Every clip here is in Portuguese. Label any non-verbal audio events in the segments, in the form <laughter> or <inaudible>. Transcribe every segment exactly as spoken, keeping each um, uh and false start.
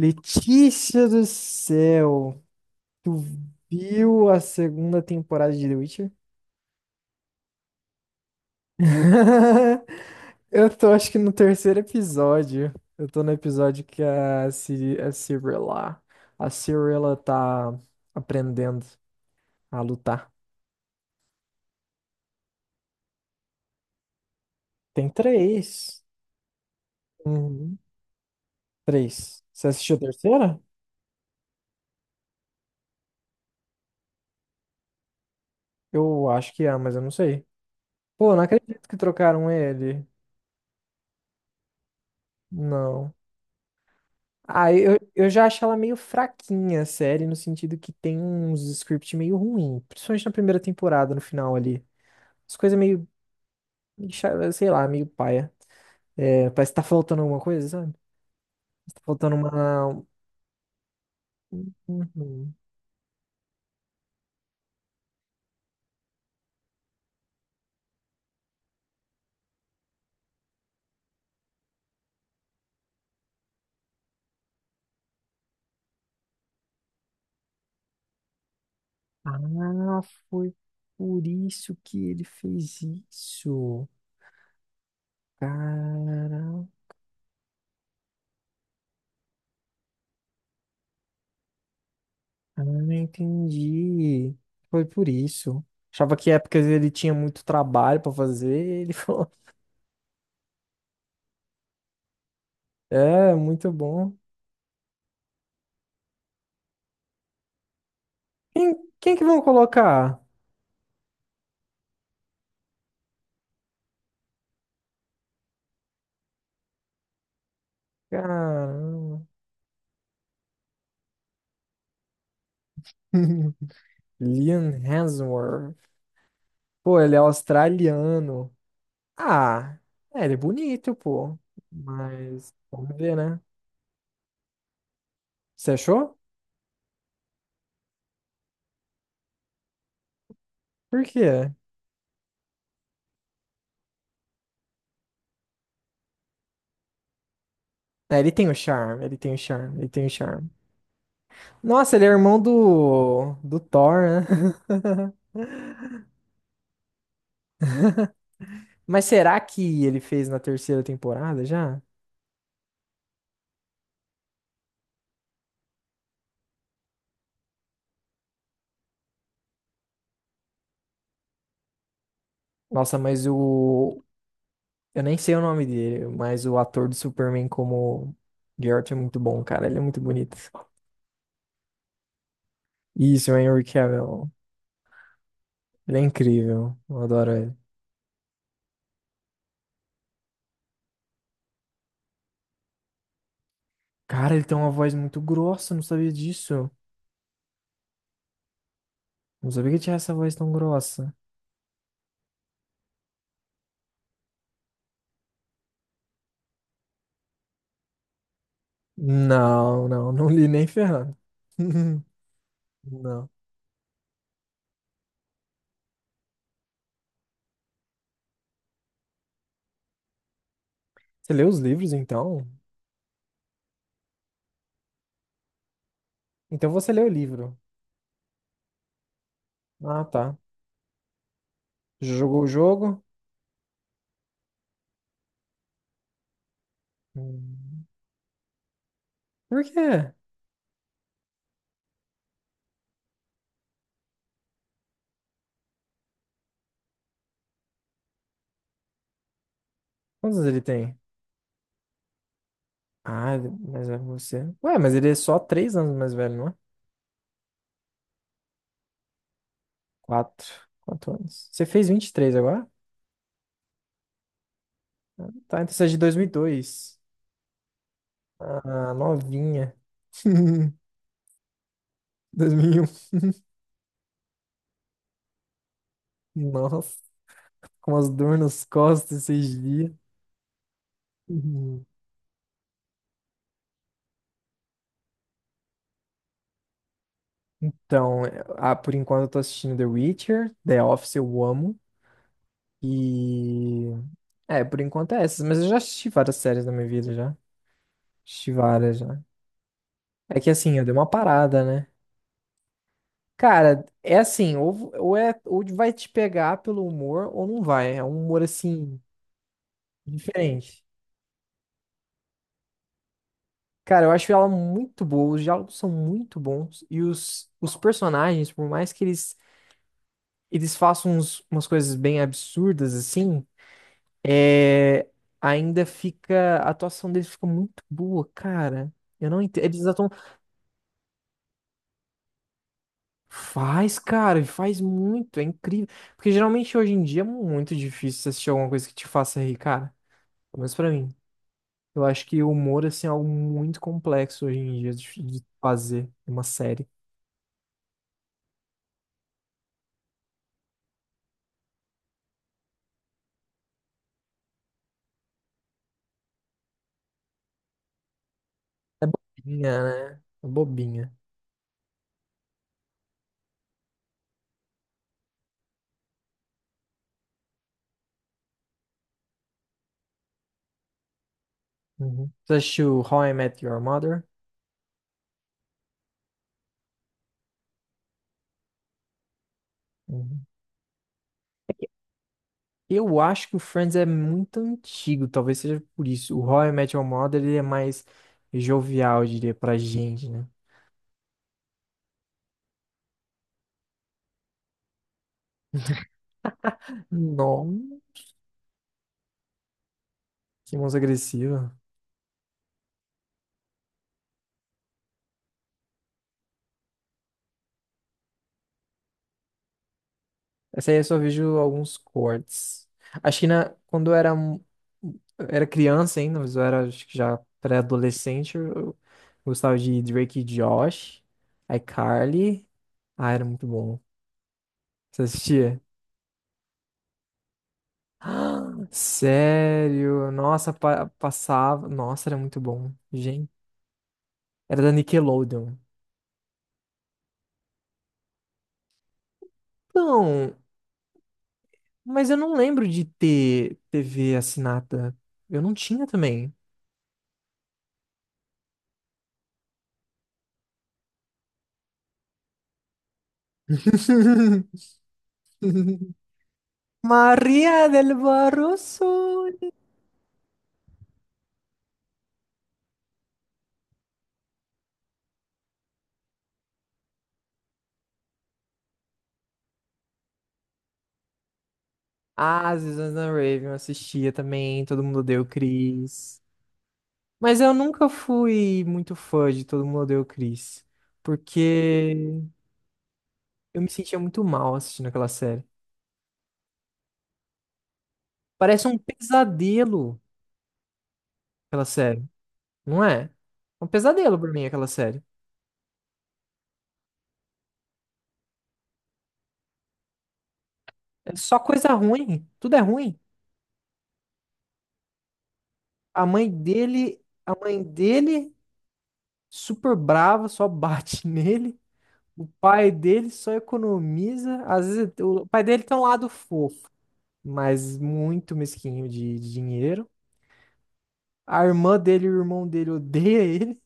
Letícia do céu, tu viu a segunda temporada de The Witcher? <laughs> Eu tô, acho que no terceiro episódio. Eu tô no episódio que a, Ciri, a Cirilla, a Cirilla tá aprendendo a lutar. Tem três. Uhum. Três. Você assistiu a terceira? Eu acho que é, mas eu não sei. Pô, não acredito que trocaram ele. Não. Ah, eu, eu já acho ela meio fraquinha, a série, no sentido que tem uns script meio ruim, principalmente na primeira temporada, no final ali. As coisas meio, meio cha- sei lá, meio paia. É, parece que tá faltando alguma coisa, sabe? Tá faltando uma. Uhum. Ah, foi por isso que ele fez isso. Cara, ah, não entendi. Foi por isso. Achava que épocas ele tinha muito trabalho pra fazer, ele falou, <laughs> é, muito bom. Quem, quem que vão colocar? Caramba. <laughs> Liam Hemsworth. Pô, ele é australiano. Ah, é, ele é bonito, pô. Mas, vamos ver, né? Você achou? Por quê? É, ele tem o charme, ele tem o charme, ele tem o charme. Nossa, ele é irmão do, do Thor, né? <laughs> Mas será que ele fez na terceira temporada já? Nossa, mas o, eu nem sei o nome dele, mas o ator do Superman como Garrett é muito bom, cara. Ele é muito bonito. Isso, o Henry Cavill. Ele é incrível. Eu adoro ele. Cara, ele tem uma voz muito grossa, eu não sabia disso. Não sabia que tinha essa voz tão grossa. Não, não, não li nem ferrando. <laughs> Não. Você leu os livros, então? Então você leu o livro. Ah, tá. Já jogou o jogo? Hum. Por quê? Quantos anos ele tem? Ah, ele é mais velho que você. Ué, mas ele é só três anos mais velho, não é? Quatro. Quatro anos. Você fez vinte e três agora? Tá, então você é de dois, mil e dois. Ah, novinha. <laughs> dois mil e um. Nossa, com as dor nas costas esses dias. Uhum. Então, é- ah, por enquanto eu tô assistindo The Witcher, The Office eu amo. E. É, por enquanto é essas, mas eu já assisti várias séries na minha vida já. Assisti várias já. É que assim, eu dei uma parada, né? Cara, é assim, ou, ou, é, ou vai te pegar pelo humor ou não vai. É um humor assim. Diferente. Cara, eu acho ela muito boa, os diálogos são muito bons e os, os personagens, por mais que eles, eles façam uns- umas coisas bem absurdas assim, é, ainda fica, a atuação deles fica muito boa, cara. Eu não entendo, eles atuam, faz, cara, e faz muito, é incrível. Porque geralmente hoje em dia é muito difícil você assistir alguma coisa que te faça rir, cara. Pelo menos pra mim. Eu acho que o humor, assim, é algo muito complexo hoje em dia de de fazer uma série. É bobinha, né? É bobinha. Uhum. Você assistiu How I Met Your Mother? Uhum. Eu acho que o Friends é muito antigo, talvez seja por isso. O How I Met Your Mother ele é mais jovial, eu diria, pra gente, né? <laughs> Não, que música agressiva. Essa aí eu só vejo alguns cortes. Acho que na, quando eu era, um- era criança ainda, mas eu era acho que já pré-adolescente, eu gostava de Drake e Josh, iCarly. Ah, era muito bom. Você assistia? Ah, sério? Nossa, pa- passava. Nossa, era muito bom. Gente, era da Nickelodeon. Não, mas eu não lembro de ter T V assinada. Eu não tinha também. <laughs> Maria del Barroso. Ah, as Visões da Raven eu assistia também. Todo mundo odeia o Chris. Mas eu nunca fui muito fã de Todo Mundo Odeia o Chris. Porque eu me sentia muito mal assistindo aquela série. Parece um pesadelo aquela série, não é? É um pesadelo pra mim aquela série. É só coisa ruim, tudo é ruim. A mãe dele, a mãe dele super brava, só bate <laughs> nele. O pai dele só economiza. Às vezes o pai dele tem um lado fofo, mas muito mesquinho de, de dinheiro. A irmã dele e o irmão dele odeia <laughs> ele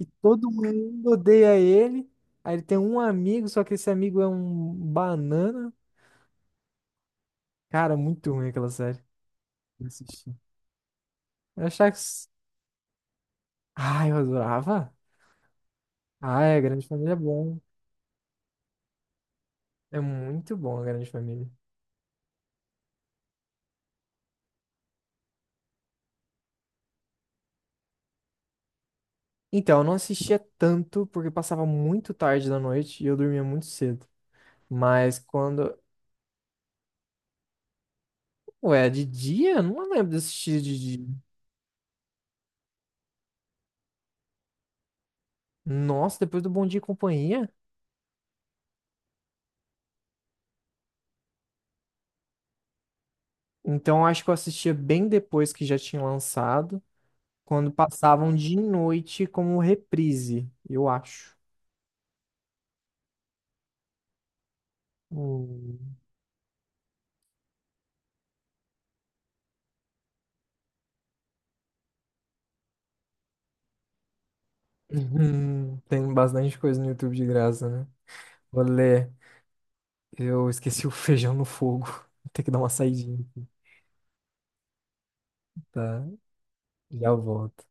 e todo mundo odeia ele. Aí ele tem um amigo, só que esse amigo é um banana. Cara, muito ruim aquela série. Eu assisti. Eu achava que... Ah, eu adorava. Ah, é, Grande Família é bom. É muito bom a Grande Família. Então, eu não assistia tanto porque passava muito tarde da noite e eu dormia muito cedo. Mas quando... Ué, é de dia? Eu não lembro de assistir de dia. Nossa, depois do Bom Dia e Companhia? Então, eu acho que eu assistia bem depois que já tinha lançado, quando passavam de noite como reprise, eu acho. Hum. Uhum. Tem bastante coisa no YouTube de graça, né? Olê, eu esqueci o <laughs> feijão no fogo. <laughs> Vou ter que dar uma saidinha, aqui, tá? Já volto.